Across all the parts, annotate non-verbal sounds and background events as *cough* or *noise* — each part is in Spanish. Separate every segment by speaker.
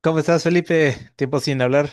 Speaker 1: ¿Cómo estás, Felipe? Tiempo sin hablar.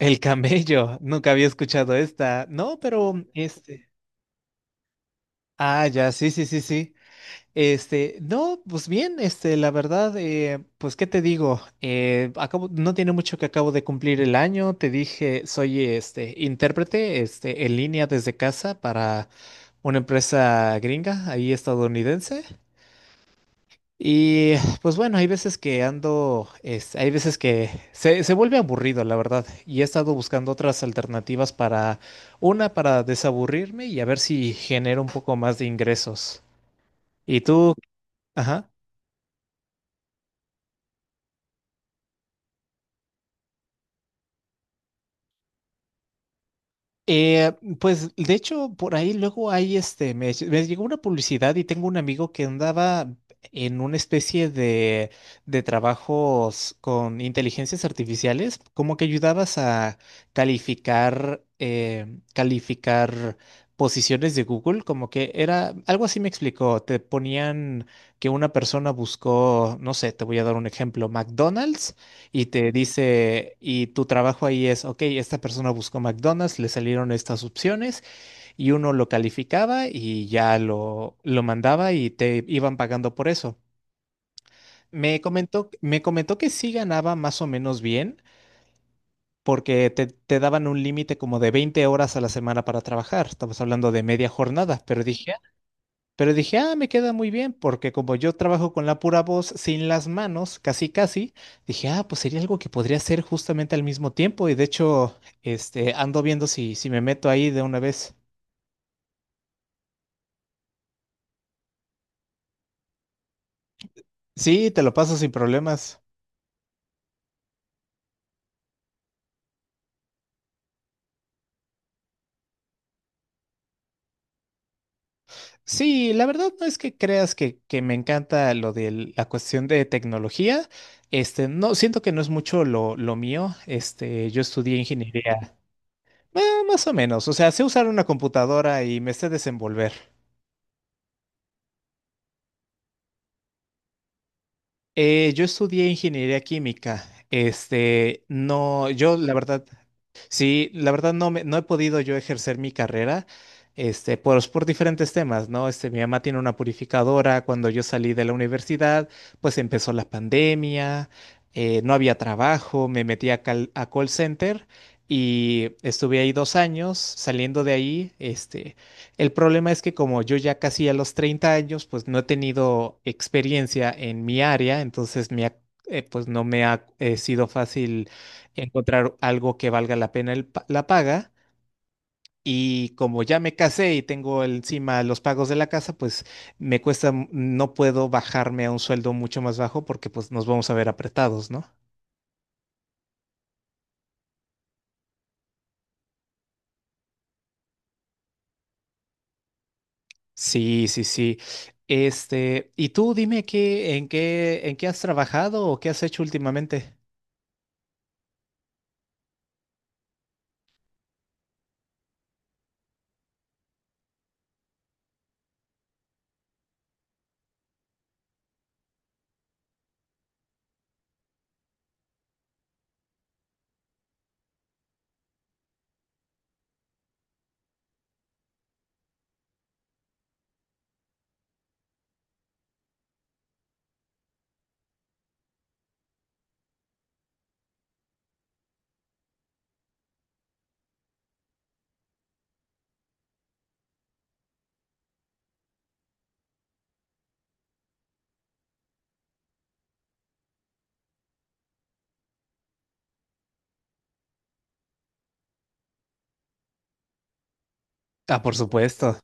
Speaker 1: El camello. Nunca había escuchado esta. No, pero Ah, ya, sí, sí, sí, sí. No, pues bien, la verdad, pues, ¿qué te digo? No tiene mucho que acabo de cumplir el año. Te dije, soy intérprete, en línea desde casa para una empresa gringa, ahí estadounidense. Y pues bueno, hay veces que hay veces que se vuelve aburrido, la verdad, y he estado buscando otras alternativas para, una, para desaburrirme y a ver si genero un poco más de ingresos. ¿Y tú? Ajá. Eh, pues de hecho, por ahí luego hay este, me, ll- me llegó una publicidad y tengo un amigo que andaba en una especie de trabajos con inteligencias artificiales, como que ayudabas a calificar, calificar posiciones de Google, como que era, algo así me explicó, te ponían que una persona buscó, no sé, te voy a dar un ejemplo, McDonald's y te dice, y tu trabajo ahí es, ok, esta persona buscó McDonald's, le salieron estas opciones y uno lo calificaba y ya lo mandaba y te iban pagando por eso. Me comentó que sí ganaba más o menos bien porque te daban un límite como de 20 horas a la semana para trabajar. Estamos hablando de media jornada, pero dije, ah, me queda muy bien, porque como yo trabajo con la pura voz sin las manos, casi casi, dije, ah, pues sería algo que podría hacer justamente al mismo tiempo. Y de hecho, ando viendo si me meto ahí de una vez. Sí, te lo paso sin problemas. Sí, la verdad no es que creas que me encanta lo de la cuestión de tecnología. No, siento que no es mucho lo mío. Yo estudié ingeniería, eh, más o menos. O sea, sé usar una computadora y me sé desenvolver. Yo estudié ingeniería química. No, yo la verdad, sí, la verdad no he podido yo ejercer mi carrera, por diferentes temas, ¿no? Este, mi mamá tiene una purificadora, cuando yo salí de la universidad, pues empezó la pandemia, no había trabajo, me metí a call center y estuve ahí 2 años, saliendo de ahí, el problema es que como yo ya casi a los 30 años, pues no he tenido experiencia en mi área, pues no me ha sido fácil encontrar algo que valga la pena la paga. Y como ya me casé y tengo encima los pagos de la casa, pues me cuesta, no puedo bajarme a un sueldo mucho más bajo porque pues nos vamos a ver apretados, ¿no? Sí, sí, sí. Este, y tú dime qué, en qué, en qué has trabajado o qué has hecho últimamente. Ah, por supuesto.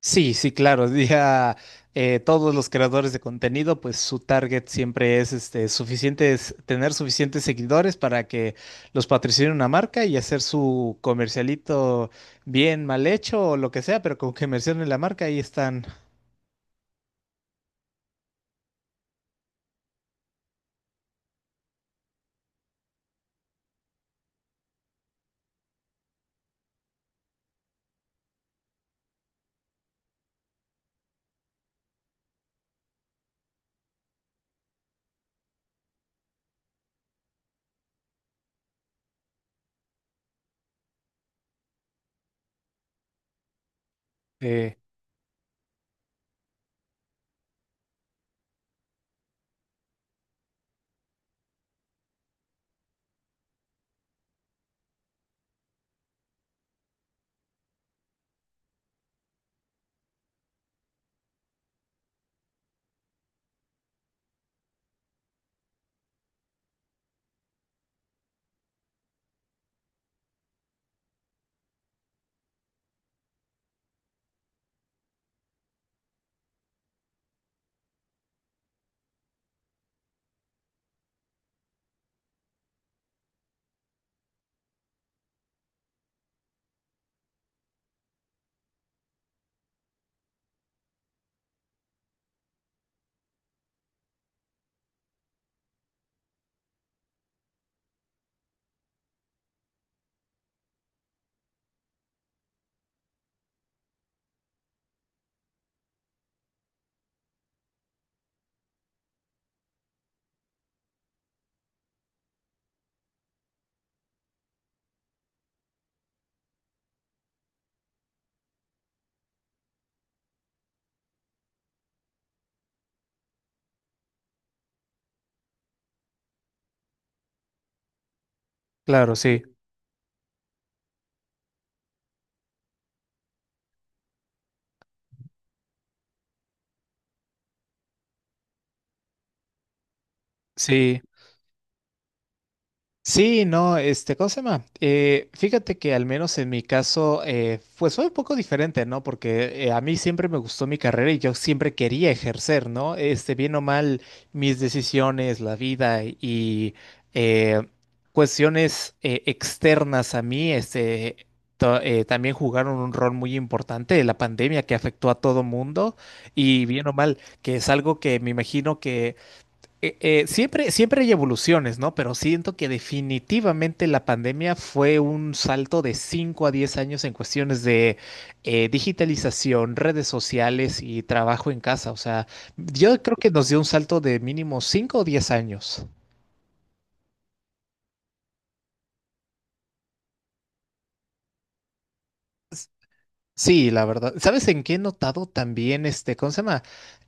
Speaker 1: Sí, sí, claro. *laughs* Ya todos los creadores de contenido, pues su target siempre es tener suficientes seguidores para que los patrocine una marca y hacer su comercialito bien mal hecho o lo que sea, pero con que *laughs* mencionen la marca, ahí están. Eh, claro, sí. Sí, sí, no, ¿cómo se llama? Fíjate que al menos en mi caso, pues fue un poco diferente, ¿no? Porque a mí siempre me gustó mi carrera y yo siempre quería ejercer, ¿no? Este, bien o mal, mis decisiones, la vida y eh, cuestiones externas a mí, también jugaron un rol muy importante, la pandemia que afectó a todo mundo y bien o mal, que es algo que me imagino que siempre, siempre hay evoluciones, ¿no? Pero siento que definitivamente la pandemia fue un salto de 5 a 10 años en cuestiones de digitalización, redes sociales y trabajo en casa. O sea, yo creo que nos dio un salto de mínimo 5 o 10 años. Sí, la verdad. ¿Sabes en qué he notado también este, ¿cómo se llama?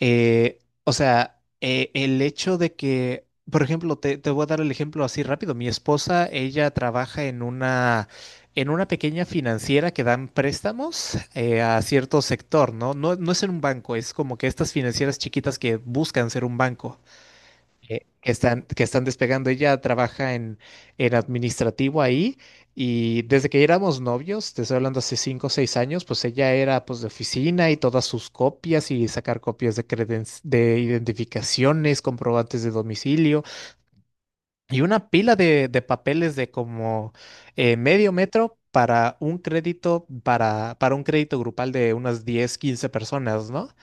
Speaker 1: O sea, el hecho de que, por ejemplo, te voy a dar el ejemplo así rápido. Mi esposa, ella trabaja en una pequeña financiera que dan préstamos a cierto sector, ¿no? No, no es en un banco, es como que estas financieras chiquitas que buscan ser un banco que están despegando. Ella trabaja en administrativo ahí y desde que éramos novios, te estoy hablando hace 5 o 6 años, pues ella era pues de oficina y todas sus copias y sacar copias de de identificaciones, comprobantes de domicilio y una pila de papeles de como medio metro, para un crédito grupal de unas 10 15 personas, ¿no?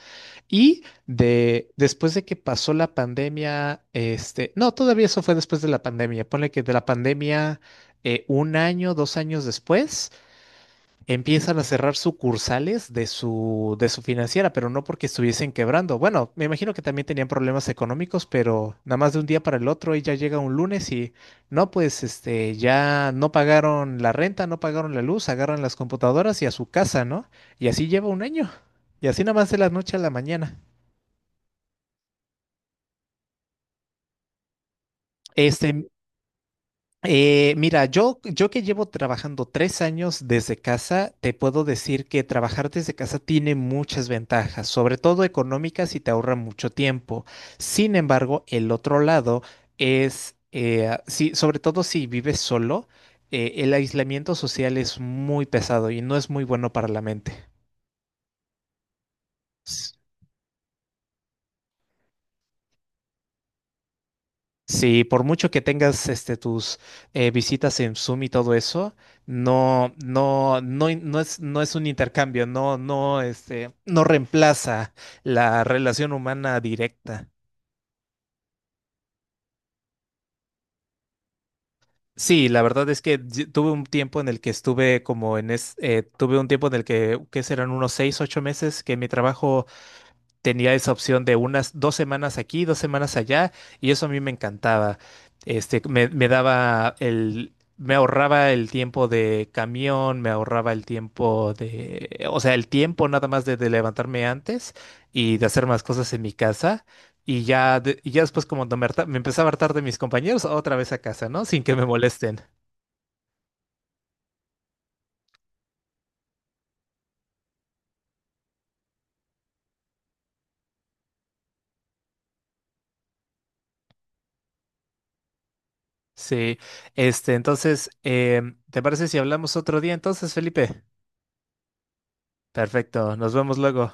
Speaker 1: Y de, después de que pasó la pandemia, este, no, todavía eso fue después de la pandemia. Ponle que de la pandemia, 1 año, 2 años después, empiezan a cerrar sucursales de su financiera, pero no porque estuviesen quebrando. Bueno, me imagino que también tenían problemas económicos, pero nada más de un día para el otro, ella llega un lunes y no, pues, ya no pagaron la renta, no pagaron la luz, agarran las computadoras y a su casa, ¿no? Y así lleva 1 año. Y así nada más de la noche a la mañana. Este, Mira, yo que llevo trabajando 3 años desde casa, te puedo decir que trabajar desde casa tiene muchas ventajas, sobre todo económicas y te ahorra mucho tiempo. Sin embargo, el otro lado es, sí, sobre todo si vives solo, el aislamiento social es muy pesado y no es muy bueno para la mente. Sí, por mucho que tengas tus visitas en Zoom y todo eso, no, no, no, no no es un intercambio, no, no, no reemplaza la relación humana directa. Sí, la verdad es que yo tuve un tiempo en el que estuve como en es, tuve un tiempo en el que, ¿qué serán? Unos 6, 8 meses que mi trabajo tenía esa opción de unas 2 semanas aquí, 2 semanas allá, y eso a mí me encantaba. Me daba me ahorraba el tiempo de camión, me ahorraba el tiempo de, o sea, el tiempo nada más de levantarme antes y de hacer más cosas en mi casa. Y ya, y ya después como no me, harta- me empezaba a hartar de mis compañeros, otra vez a casa, ¿no? Sin que me molesten. Sí, entonces, ¿te parece si hablamos otro día entonces, Felipe? Perfecto, nos vemos luego.